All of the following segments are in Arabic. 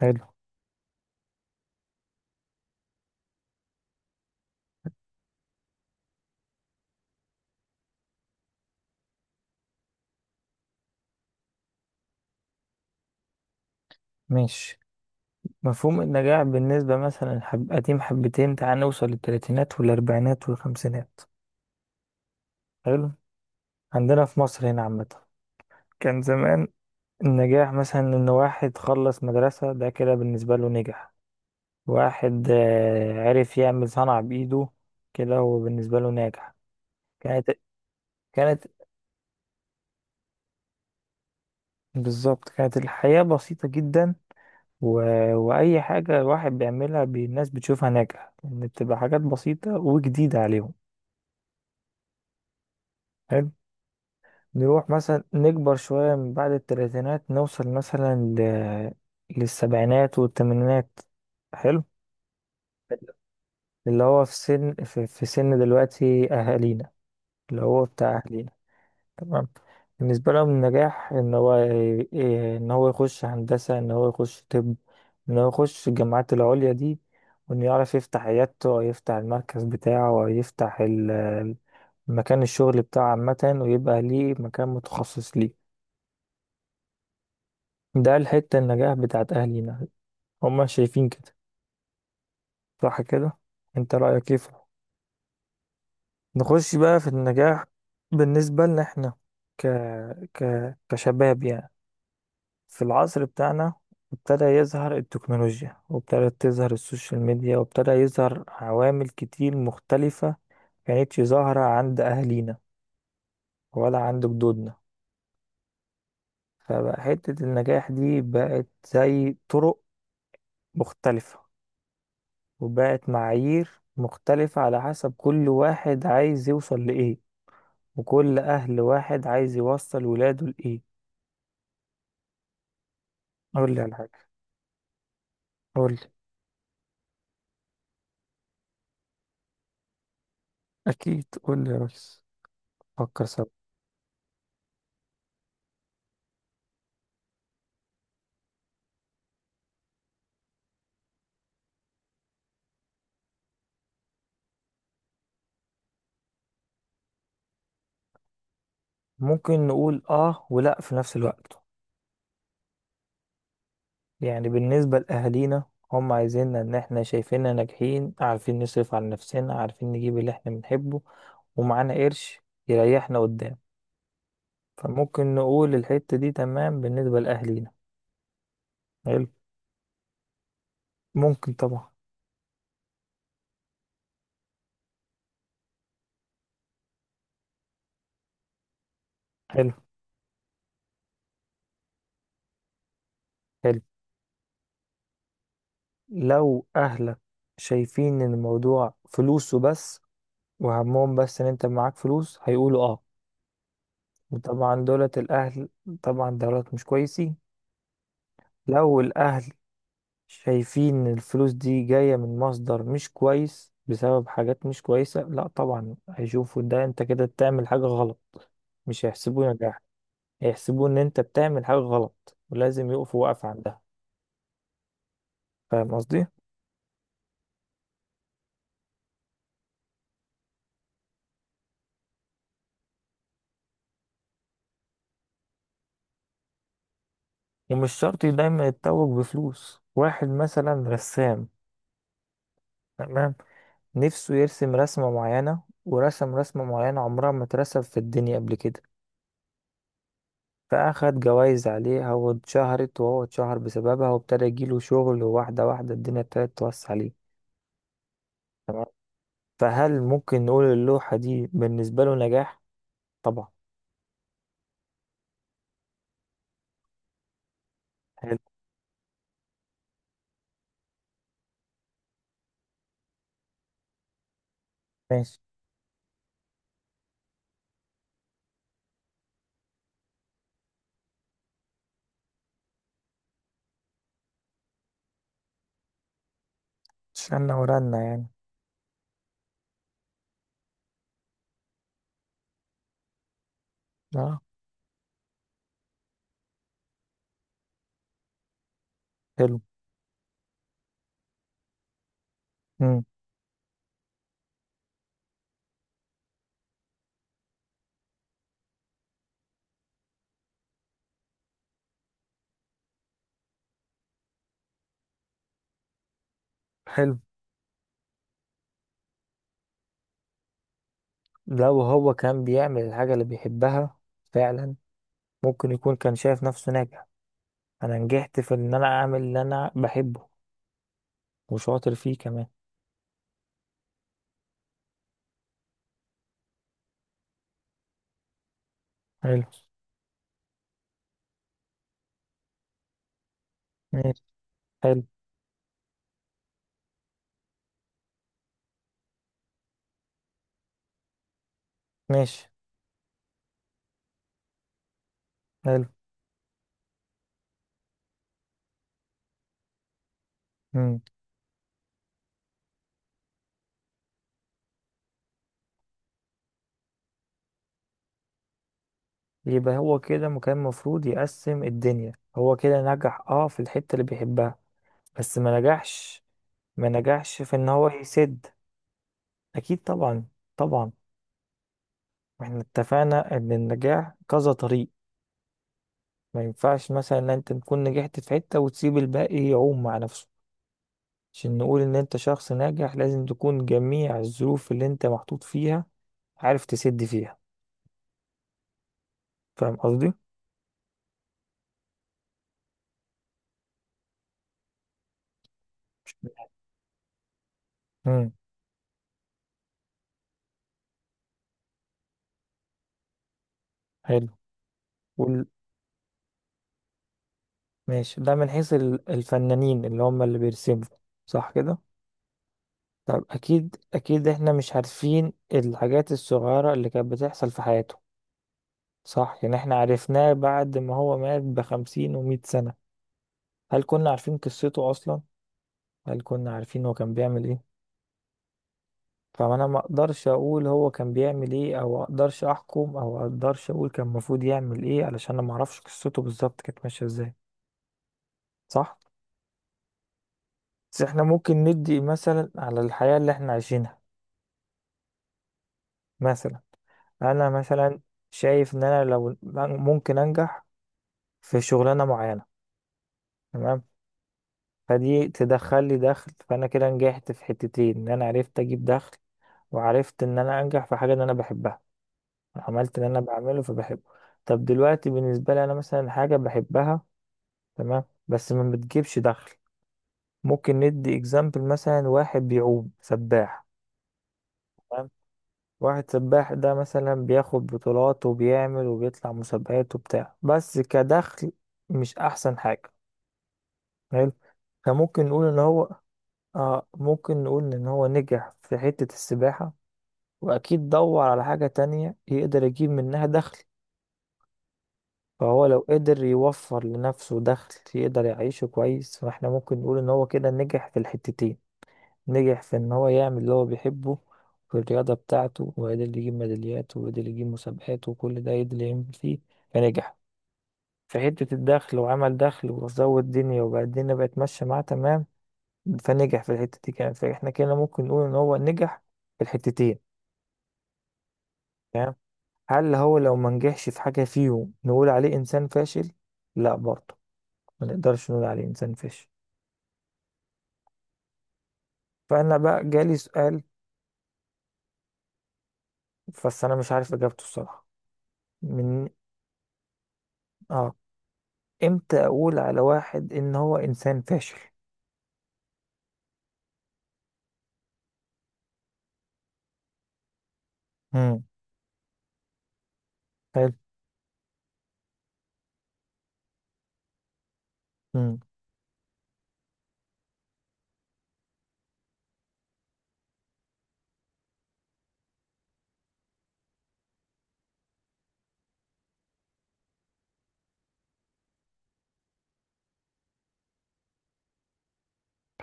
حلو. ماشي. مفهوم النجاح بالنسبة مثلا قديم حبتين، تعال نوصل للتلاتينات والأربعينات والخمسينات. حلو. عندنا في مصر هنا عامة، كان زمان النجاح مثلا إن واحد خلص مدرسة، ده كده بالنسبة له نجح. واحد عرف يعمل صنعة بإيده، كده هو بالنسبة له ناجح. كانت كانت بالظبط، كانت الحياة بسيطة جدا. و... وأي حاجة الواحد بيعملها، الناس بتشوفها ناجحة، يعني بتبقى حاجات بسيطة وجديدة عليهم. حلو. نروح مثلا نكبر شوية من بعد التلاتينات، نوصل مثلا للسبعينات والثمانينات. حلو. اللي هو في سن دلوقتي أهالينا، اللي هو بتاع أهالينا. تمام. بالنسبة لهم النجاح إن هو إن هو يخش هندسة، إن هو يخش طب، إن هو يخش الجامعات العليا دي، وإنه يعرف يفتح عيادته أو يفتح المركز بتاعه أو يفتح مكان الشغل بتاعه عامة، ويبقى ليه مكان متخصص ليه. ده الحتة النجاح بتاعت أهلنا، هما شايفين كده، صح كده؟ انت رأيك ايه نخش بقى في النجاح. بالنسبة لنا احنا، ك... ك... كشباب يعني، في العصر بتاعنا ابتدى يظهر التكنولوجيا، وابتدت تظهر السوشيال ميديا، وابتدى يظهر عوامل كتير مختلفة، كانتش ظاهرة عند أهلينا ولا عند جدودنا. فبقى حتة النجاح دي بقت زي طرق مختلفة، وبقت معايير مختلفة على حسب كل واحد عايز يوصل لإيه، وكل أهل واحد عايز يوصل ولاده لإيه. قول لي على حاجة. قول لي. أكيد، قول لي يا ريس، فكر سوا. ممكن نقول آه ولأ في نفس الوقت. يعني بالنسبة لأهالينا، هم عايزيننا إن إحنا شايفيننا ناجحين، عارفين نصرف على نفسنا، عارفين نجيب اللي إحنا بنحبه، ومعانا قرش يريحنا قدام، فممكن نقول الحتة دي تمام بالنسبة لأهالينا. حلو. ممكن طبعا. حلو. حلو. لو اهلك شايفين ان الموضوع فلوسه بس، وهمهم بس ان انت معاك فلوس، هيقولوا اه. وطبعا دولت الاهل، طبعا دولت مش كويسين. لو الاهل شايفين ان الفلوس دي جاية من مصدر مش كويس بسبب حاجات مش كويسة، لا طبعا هيشوفوا ده انت كده بتعمل حاجة غلط، مش هيحسبوه نجاح، هيحسبوه ان انت بتعمل حاجة غلط ولازم يقفوا وقف عندها. فاهم قصدي؟ ومش شرط دايما يتوج بفلوس. واحد مثلا رسام، تمام، نفسه يرسم رسمة معينة، ورسم رسمة معينة عمرها ما اترسم في الدنيا قبل كده، فأخد جوايز عليها واتشهرت، وهو اتشهر بسببها، وابتدى يجيله شغل، وواحدة واحدة الدنيا ابتدت توسع عليه. فهل ممكن نقول اللوحة دي بالنسبة له نجاح؟ طبعا. حلو. ماشي. شلنا ورنا يعني. اه. حلو. مم. حلو. لو هو كان بيعمل الحاجة اللي بيحبها فعلا، ممكن يكون كان شايف نفسه ناجح. أنا نجحت في إن أنا أعمل اللي أنا بحبه، وشاطر فيه كمان. حلو. ماشي. حلو. ماشي. حلو. مم. يبقى هو كده كان المفروض يقسم الدنيا، هو كده نجح اه في الحتة اللي بيحبها، بس ما نجحش. ما نجحش في ان هو يسد. اكيد طبعا. طبعا احنا اتفقنا ان النجاح كذا طريق. ما ينفعش مثلا ان انت تكون نجحت في حتة وتسيب الباقي يعوم مع نفسه. عشان نقول ان انت شخص ناجح لازم تكون جميع الظروف اللي انت محطوط فيها عارف تسد فيها. فاهم قصدي؟ مم. حلو. وال... ماشي، ده من حيث الفنانين اللي هم اللي بيرسموا، صح كده؟ طب اكيد اكيد احنا مش عارفين الحاجات الصغيرة اللي كانت بتحصل في حياته. صح، يعني احنا عرفناه بعد ما هو مات بخمسين ومية سنة. هل كنا عارفين قصته اصلا؟ هل كنا عارفين هو كان بيعمل ايه؟ فانا ما اقدرش اقول هو كان بيعمل ايه، او اقدرش احكم، او اقدرش اقول كان المفروض يعمل ايه، علشان انا ما اعرفش قصته بالظبط كانت ماشية ازاي. صح. بس احنا ممكن ندي مثلا على الحياة اللي احنا عايشينها، مثلا انا مثلا شايف ان انا لو ممكن انجح في شغلانه معينه، تمام، فدي تدخل لي دخل، فانا كده نجحت في حتتين، ان انا عرفت اجيب دخل، وعرفت ان انا انجح في حاجه ان انا بحبها، عملت ان انا بعمله فبحبه. طب دلوقتي بالنسبه لي انا مثلا حاجه بحبها، تمام، بس ما بتجيبش دخل. ممكن ندي اكزامبل مثلا واحد بيعوم سباح، واحد سباح ده مثلا بياخد بطولات، وبيعمل وبيطلع مسابقات وبتاع، بس كدخل مش احسن حاجة. حلو. فممكن نقول ان هو آه، ممكن نقول ان هو نجح في حتة السباحة، واكيد دور على حاجة تانية يقدر يجيب منها دخل، فهو لو قدر يوفر لنفسه دخل يقدر يعيشه كويس، فاحنا ممكن نقول ان هو كده نجح في الحتتين. نجح في ان هو يعمل اللي هو بيحبه في الرياضة بتاعته، وقدر يجيب ميداليات، وقدر يجيب مسابقات، وكل ده قدر يعمل فيه، فنجح في حتة الدخل وعمل دخل وزود الدنيا، وبقى الدنيا بقت ماشية معاه تمام، فنجح في الحتة دي كمان، فاحنا كده ممكن نقول ان هو نجح في الحتتين. تمام. هل هو لو ما نجحش في حاجة فيهم نقول عليه انسان فاشل؟ لا برضه، ما نقدرش نقول عليه انسان فاشل. فانا بقى جالي سؤال، بس انا مش عارف اجابته الصراحة. من. اه. امتى اقول على واحد ان هو انسان فاشل؟ امم. حلو. امم.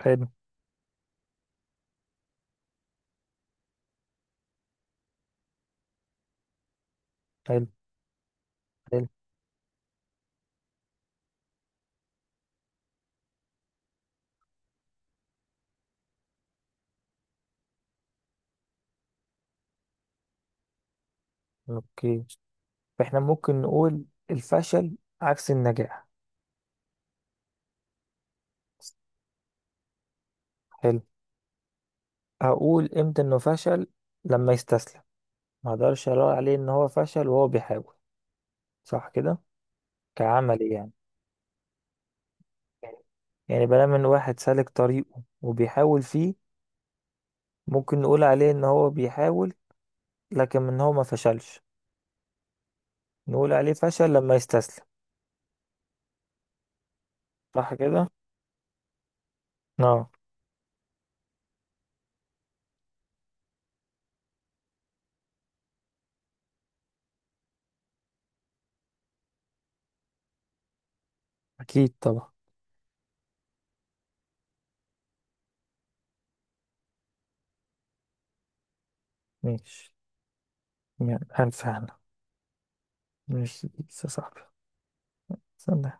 حلو. حلو. حلو. اوكي. فاحنا ممكن نقول الفشل عكس النجاح. حلو. اقول امتى انه فشل؟ لما يستسلم. ما اقدرش اقول عليه ان هو فشل وهو بيحاول، صح كده؟ كعملي يعني، يعني بلام ان واحد سالك طريقه وبيحاول فيه ممكن نقول عليه ان هو بيحاول، لكن من هو ما فشلش، نقول عليه فشل لما يستسلم. صح كده. اه. اكيد طبعا. ماشي. يعني ألف هنا. ماشي يا صاحبي. سلام.